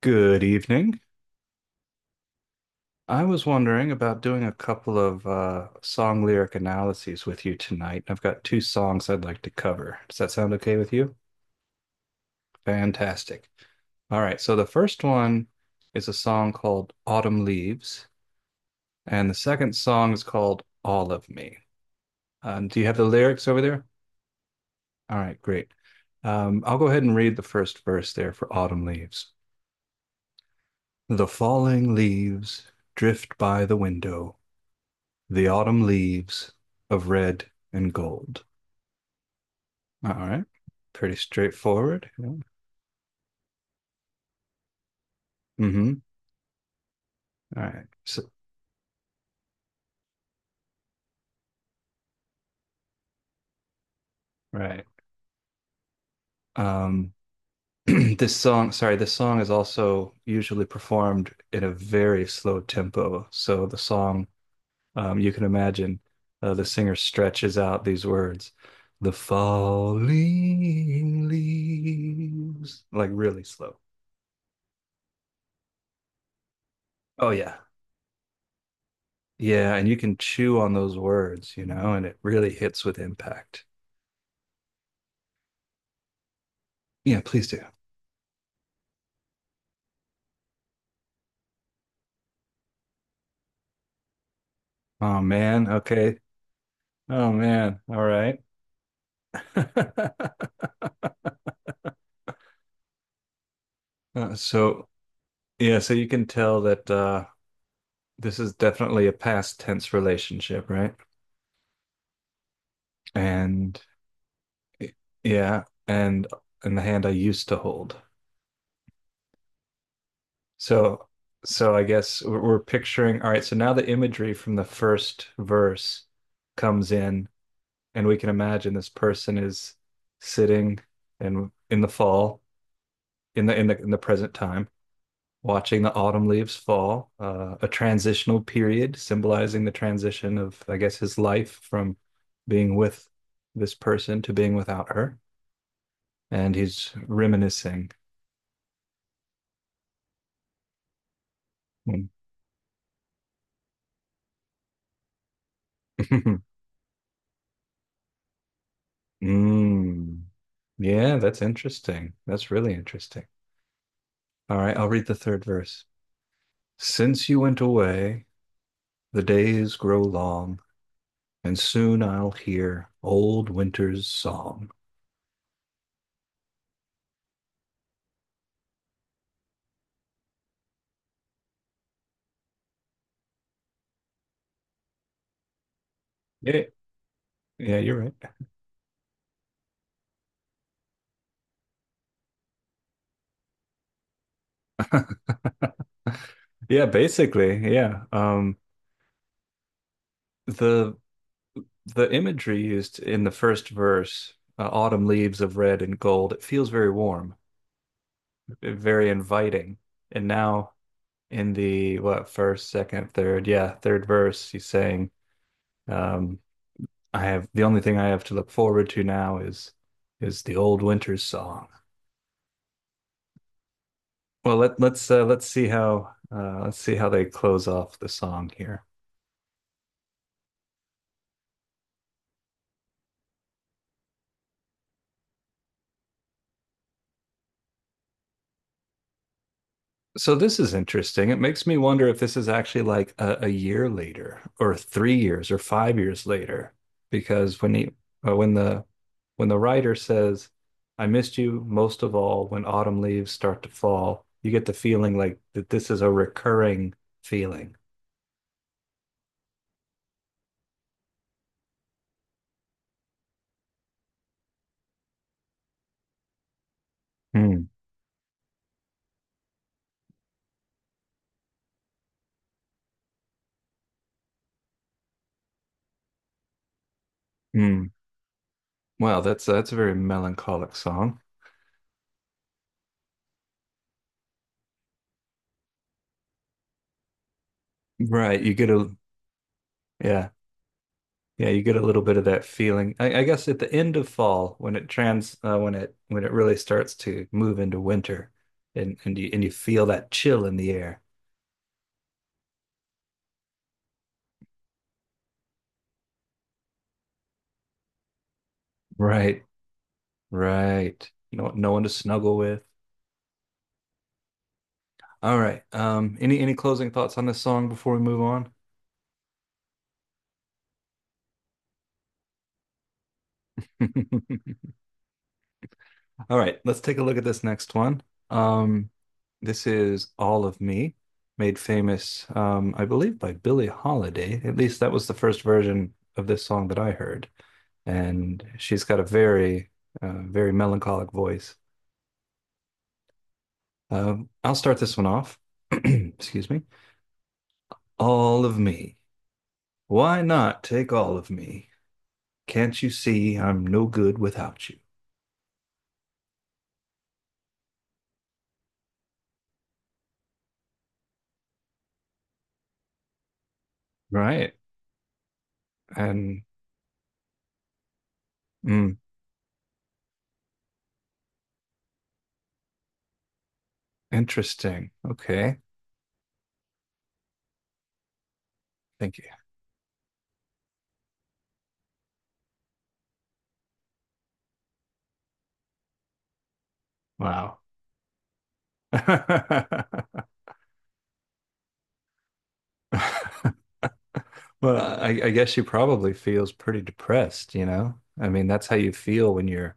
Good evening. I was wondering about doing a couple of song lyric analyses with you tonight. I've got two songs I'd like to cover. Does that sound okay with you? Fantastic. All right, so the first one is a song called Autumn Leaves, and the second song is called All of Me. Do you have the lyrics over there? All right, great. I'll go ahead and read the first verse there for Autumn Leaves. The falling leaves drift by the window. The Autumn Leaves of Red and Gold. All right. Pretty straightforward. Yeah. Mm-hmm. All right. So, right. Um, this song, sorry, this song is also usually performed in a very slow tempo. So the song, you can imagine, the singer stretches out these words, the falling leaves, like really slow. Oh yeah, yeah, and you can chew on those words, you know, and it really hits with impact. Yeah, please do. Oh man, okay. Oh man, all right. So yeah, so you can tell that this is definitely a past tense relationship, right? And y- yeah, and the hand I used to hold. So I guess we're picturing, all right, so now the imagery from the first verse comes in and we can imagine this person is sitting and in the fall in the present time watching the autumn leaves fall, a transitional period symbolizing the transition of, I guess, his life from being with this person to being without her. And he's reminiscing. Mm. Yeah, that's interesting. That's really interesting. All right, I'll read the third verse. Since you went away, the days grow long, and soon I'll hear old winter's song. Yeah, yeah, you're right. Yeah, basically, yeah. The the imagery used in the first verse, autumn leaves of red and gold, it feels very warm, eh, very inviting. And now in the what first, second, third, yeah, third verse, he's saying, um, I have the only thing I have to look forward to now is the old winter's song. Well, let's see how they close off the song here. So this is interesting. It makes me wonder if this is actually like a year later, or 3 years, or 5 years later, because when he, uh, when the, when the writer says, "I missed you most of all when autumn leaves start to fall," you get the feeling like that this is a recurring feeling. Hmm. Hmm. Wow, that's a very melancholic song. Right, you get a yeah. Yeah, you get a little bit of that feeling. I guess at the end of fall, when it when it when it really starts to move into winter, and you and you feel that chill in the air. Right, right. No, no one to snuggle with. All right. Any closing thoughts on this song before we move on? All right, let's take a look at this next one. Um, this is All of Me, made famous, I believe, by Billie Holiday. At least that was the first version of this song that I heard. And she's got a very, very melancholic voice. Uh, I'll start this one off. Excuse me. All of me. Why not take all of me? Can't you see I'm no good without you? Right. And mm, interesting. Okay. Thank you. Wow. Well, I guess she probably feels pretty depressed, you know? I mean, that's how you feel when you're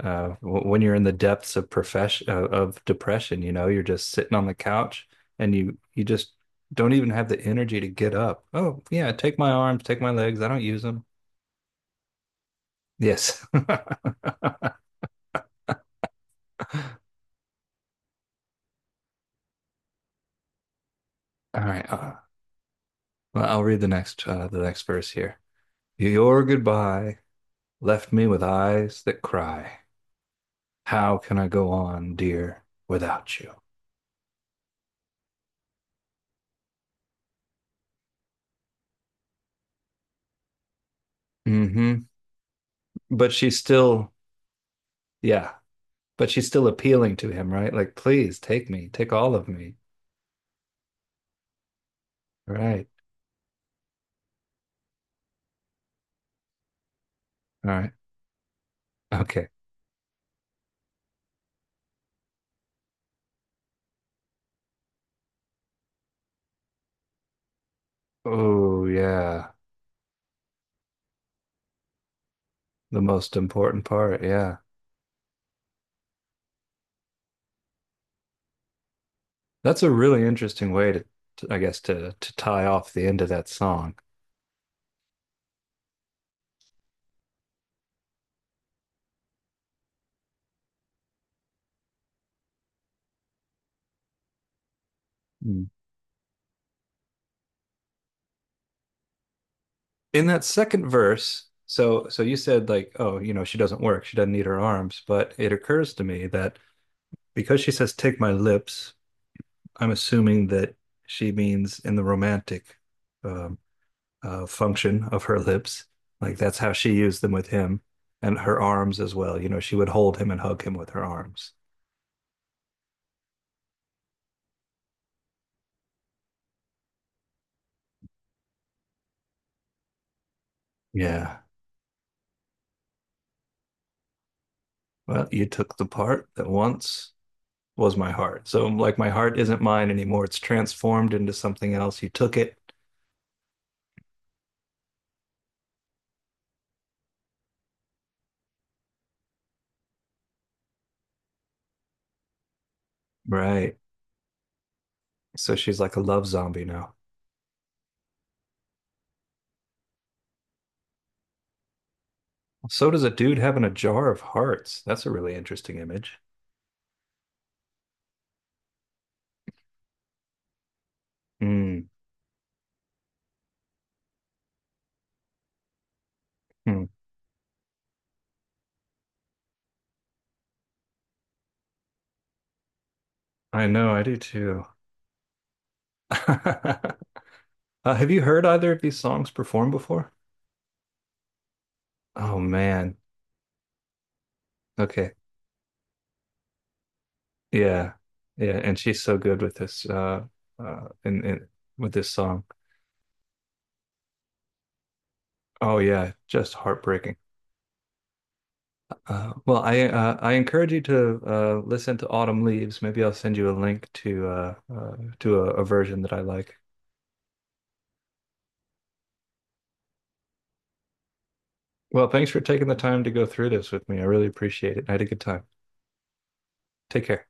when you're in the depths of profession of depression, you know, you're just sitting on the couch and you just don't even have the energy to get up. Oh, yeah, take my arms, take my legs. I don't use them. Yes. All right. Well, I'll read the next verse here. Your goodbye left me with eyes that cry. How can I go on, dear, without you? Hmm. But she's still, yeah, but she's still appealing to him, right? Like, please take me, take all of me. Right. All right. Okay. Oh, yeah. The most important part. Yeah. That's a really interesting way to- I guess, to tie off the end of that song. Mm. In that second verse, so you said like, oh, you know, she doesn't work. She doesn't need her arms, but it occurs to me that because she says take my lips, I'm assuming that she means in the romantic um, function of her lips. Like that's how she used them with him and her arms as well. You know, she would hold him and hug him with her arms. Yeah. Well, you took the part that once was my heart. So, like, my heart isn't mine anymore. It's transformed into something else. You took it. Right. So she's like a love zombie now. So does a dude having a jar of hearts. That's a really interesting image. Mm, mm. I know, I do too. Have you heard either of these songs performed before? Oh man. Okay. Yeah. Yeah, and she's so good with this in with this song. Oh yeah, just heartbreaking. Well, I encourage you to listen to Autumn Leaves. Maybe I'll send you a link to a version that I like. Well, thanks for taking the time to go through this with me. I really appreciate it. I had a good time. Take care.